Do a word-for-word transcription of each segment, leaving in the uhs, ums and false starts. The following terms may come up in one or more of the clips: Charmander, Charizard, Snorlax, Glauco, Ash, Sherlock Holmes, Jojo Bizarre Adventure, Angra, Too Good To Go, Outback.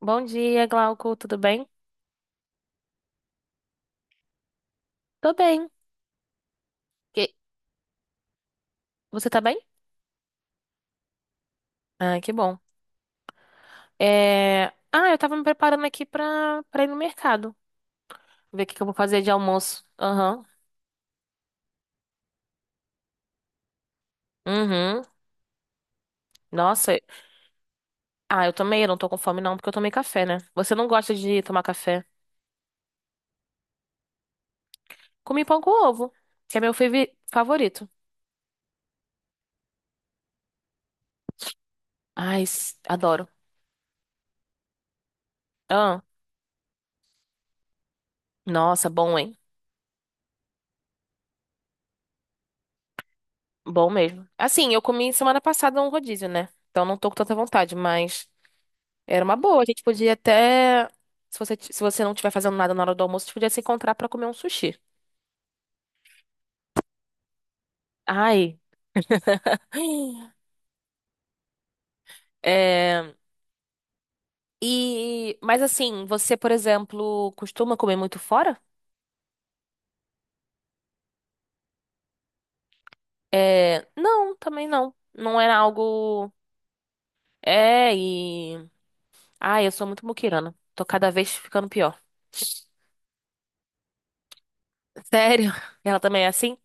Bom dia, Glauco, tudo bem? Tô bem. E- Você tá bem? Ah, que bom. É... Ah, eu tava me preparando aqui pra, pra ir no mercado. Ver o que que eu vou fazer de almoço. Aham. Uhum. Nossa. Ah, eu também, eu não tô com fome não, porque eu tomei café, né? Você não gosta de tomar café? Comi pão com ovo, que é meu favi- favorito. Ai, s- adoro. Ah, nossa, bom, hein? Bom mesmo. Assim, eu comi semana passada um rodízio, né? Então não tô com tanta vontade, mas... Era uma boa. A gente podia até. Se você, ti- se você não estiver fazendo nada na hora do almoço, a gente podia se encontrar pra comer um sushi. Ai. É, e, mas assim, você, por exemplo, costuma comer muito fora? É, não, também não. Não era algo. É, e. Ai, eu sou muito muquirana. Tô cada vez ficando pior. Sério? Ela também é assim?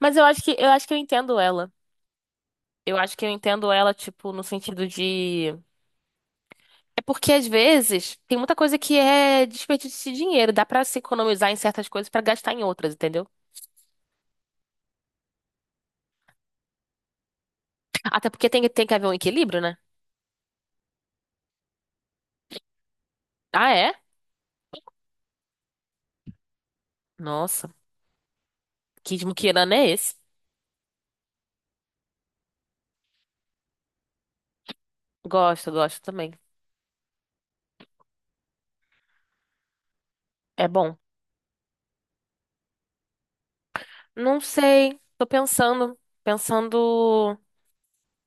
Mas eu acho que eu acho que eu entendo ela. Eu acho que eu entendo ela, tipo, no sentido de. É porque às vezes tem muita coisa que é desperdício de dinheiro, dá pra se economizar em certas coisas pra gastar em outras, entendeu? Até porque tem, tem que haver um equilíbrio, né? Ah, é? Nossa, que esmuquirana é esse? Gosto, gosto também. É bom. Não sei, tô pensando, pensando o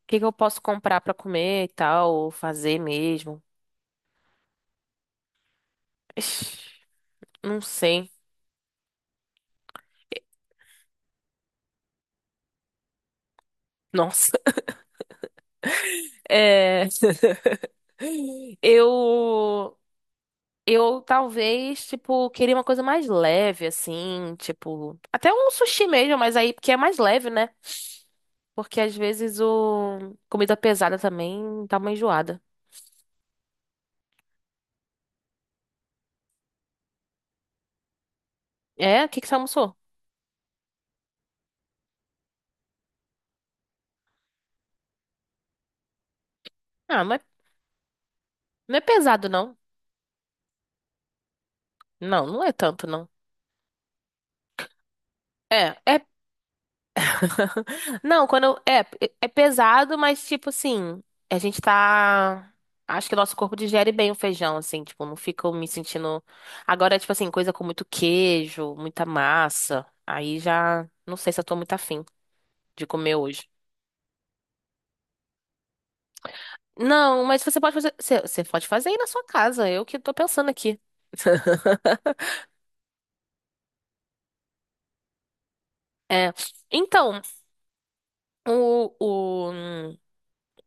que que eu posso comprar pra comer e tal, ou fazer mesmo. Ixi, não sei. Nossa, é. Eu Eu talvez, tipo, queria uma coisa mais leve, assim, tipo, até um sushi mesmo, mas aí porque é mais leve, né? Porque às vezes o comida pesada também dá uma enjoada. É? O que que você almoçou? Ah, mas não é pesado, não. Não, não é tanto, não. É, é Não, quando. eu- É, é pesado, mas tipo assim, a gente tá. Acho que o nosso corpo digere bem o feijão, assim, tipo, não fica me sentindo. Agora, tipo assim, coisa com muito queijo, muita massa. Aí já não sei se eu tô muito afim de comer hoje. Não, mas você pode fazer. Você, você pode fazer aí na sua casa. Eu que tô pensando aqui. É. Então, o, o hum,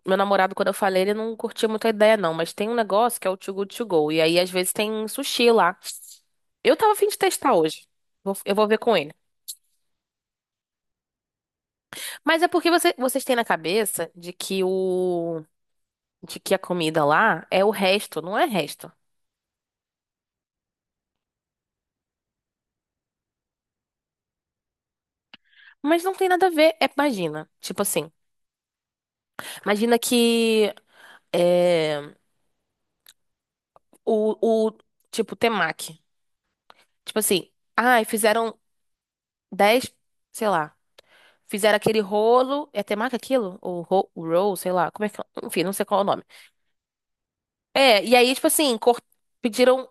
meu namorado, quando eu falei, ele não curtia muito a ideia, não. Mas tem um negócio que é o Too Good To Go. E aí, às vezes, tem sushi lá. Eu tava a fim de testar hoje. Vou- Eu vou ver com ele. Mas é porque você- vocês têm na cabeça de que o, de que a comida lá é o resto, não é resto. Mas não tem nada a ver. É, imagina, tipo assim, imagina que é, o, o tipo temaki, tipo assim, ai, fizeram dez, sei lá, fizeram aquele rolo, é temaki aquilo? O ro, o roll, sei lá, como é que, enfim, não sei qual é o nome. É, e aí tipo assim, cor- pediram.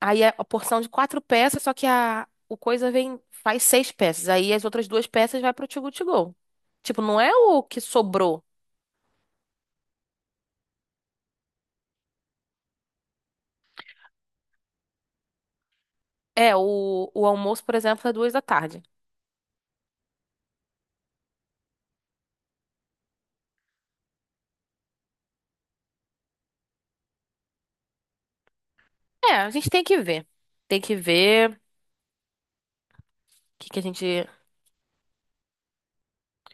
Aí é a porção de quatro peças, só que a, o coisa vem, faz seis peças. Aí as outras duas peças vai pro to go to go. Tipo, não é o que sobrou. É, o, o almoço, por exemplo, é duas da tarde. É, a gente tem que ver. Tem que ver o que, que a gente.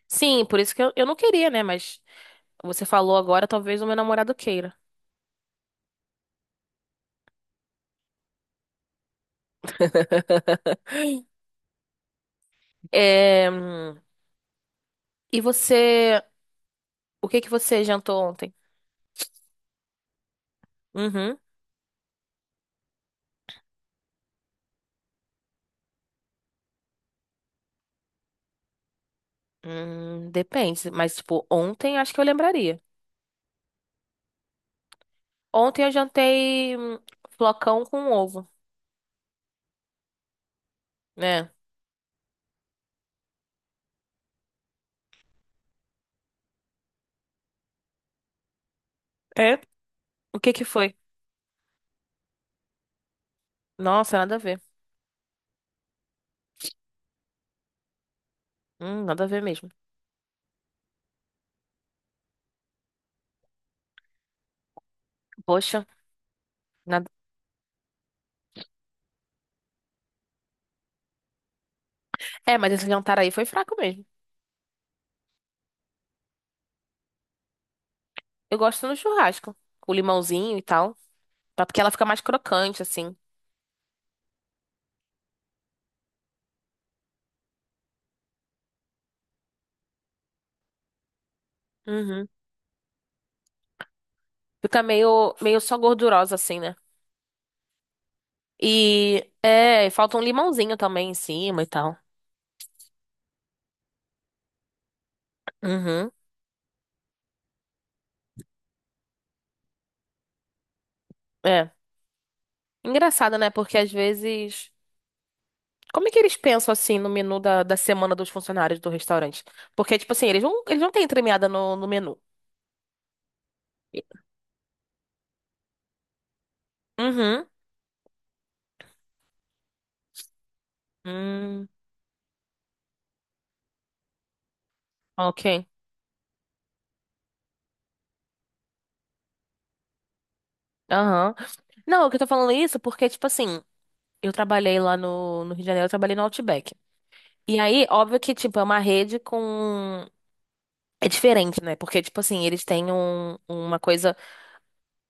Sim, por isso que eu, eu não queria, né? Mas você falou agora, talvez o meu namorado queira. É, hum, e você. O que que você jantou ontem? Uhum. Hum, depende. Mas, tipo, ontem acho que eu lembraria. Ontem eu jantei hum, flocão com ovo, né? É? O que que foi? Nossa, nada a ver. Hum, nada a ver mesmo. Poxa, nada. É, mas esse jantar aí foi fraco mesmo. Eu gosto no churrasco, com limãozinho e tal, tá? Porque ela fica mais crocante assim. Uhum. Fica meio, meio só gordurosa assim, né? E é, falta um limãozinho também em cima e tal. Uhum. É. Engraçado, né? Porque às vezes como é que eles pensam assim no menu da, da semana dos funcionários do restaurante? Porque, tipo assim, eles não, eles não têm entremeada no, no menu. Uhum. Hum, ok. Aham. Não, o que eu tô falando é isso porque, tipo assim, eu trabalhei lá no, no Rio de Janeiro, eu trabalhei no Outback. E aí, óbvio que, tipo, é uma rede com. É diferente, né? Porque, tipo assim, eles têm um, uma coisa.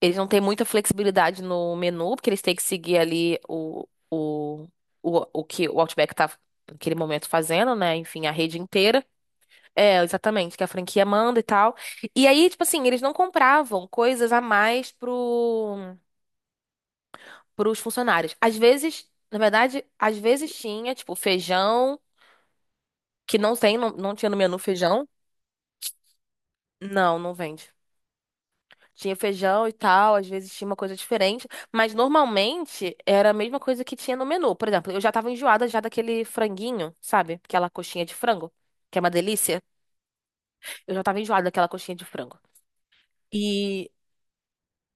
Eles não têm muita flexibilidade no menu, porque eles têm que seguir ali o, o, o, o que o Outback tá naquele momento fazendo, né? Enfim, a rede inteira. É, exatamente, que a franquia manda e tal. E aí, tipo assim, eles não compravam coisas a mais pro, pros funcionários. Às vezes, na verdade, às vezes tinha, tipo, feijão, que não tem, não, não tinha no menu feijão. Não, não vende. Tinha feijão e tal, às vezes tinha uma coisa diferente, mas normalmente era a mesma coisa que tinha no menu. Por exemplo, eu já tava enjoada já daquele franguinho, sabe? Aquela coxinha de frango, que é uma delícia. Eu já tava enjoada daquela coxinha de frango. E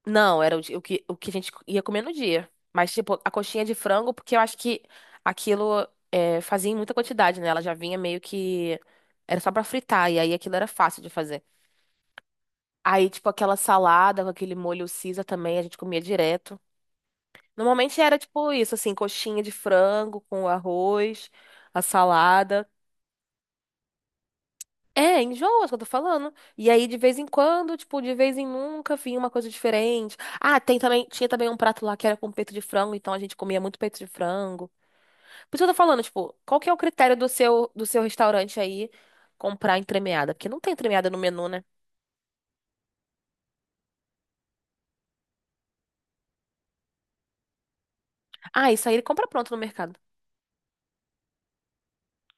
não, era o, di- o que, o que a gente ia comer no dia. Mas, tipo, a coxinha de frango, porque eu acho que aquilo é, fazia em muita quantidade, né? Ela já vinha meio que. Era só pra fritar, e aí aquilo era fácil de fazer. Aí, tipo, aquela salada com aquele molho Caesar também, a gente comia direto. Normalmente era tipo isso, assim, coxinha de frango com arroz, a salada. É, enjoa, é o que eu tô falando. E aí, de vez em quando, tipo, de vez em nunca, vinha uma coisa diferente. Ah, tem também, tinha também um prato lá que era com peito de frango, então a gente comia muito peito de frango. Por isso que eu tô falando, tipo, qual que é o critério do seu, do seu restaurante aí comprar entremeada? Porque não tem entremeada no menu, né? Ah, isso aí ele compra pronto no mercado.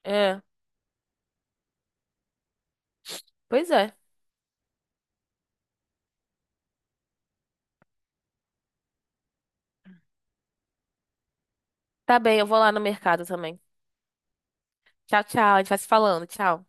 É, pois é. Tá bem, eu vou lá no mercado também. Tchau, tchau, a gente vai se falando, tchau.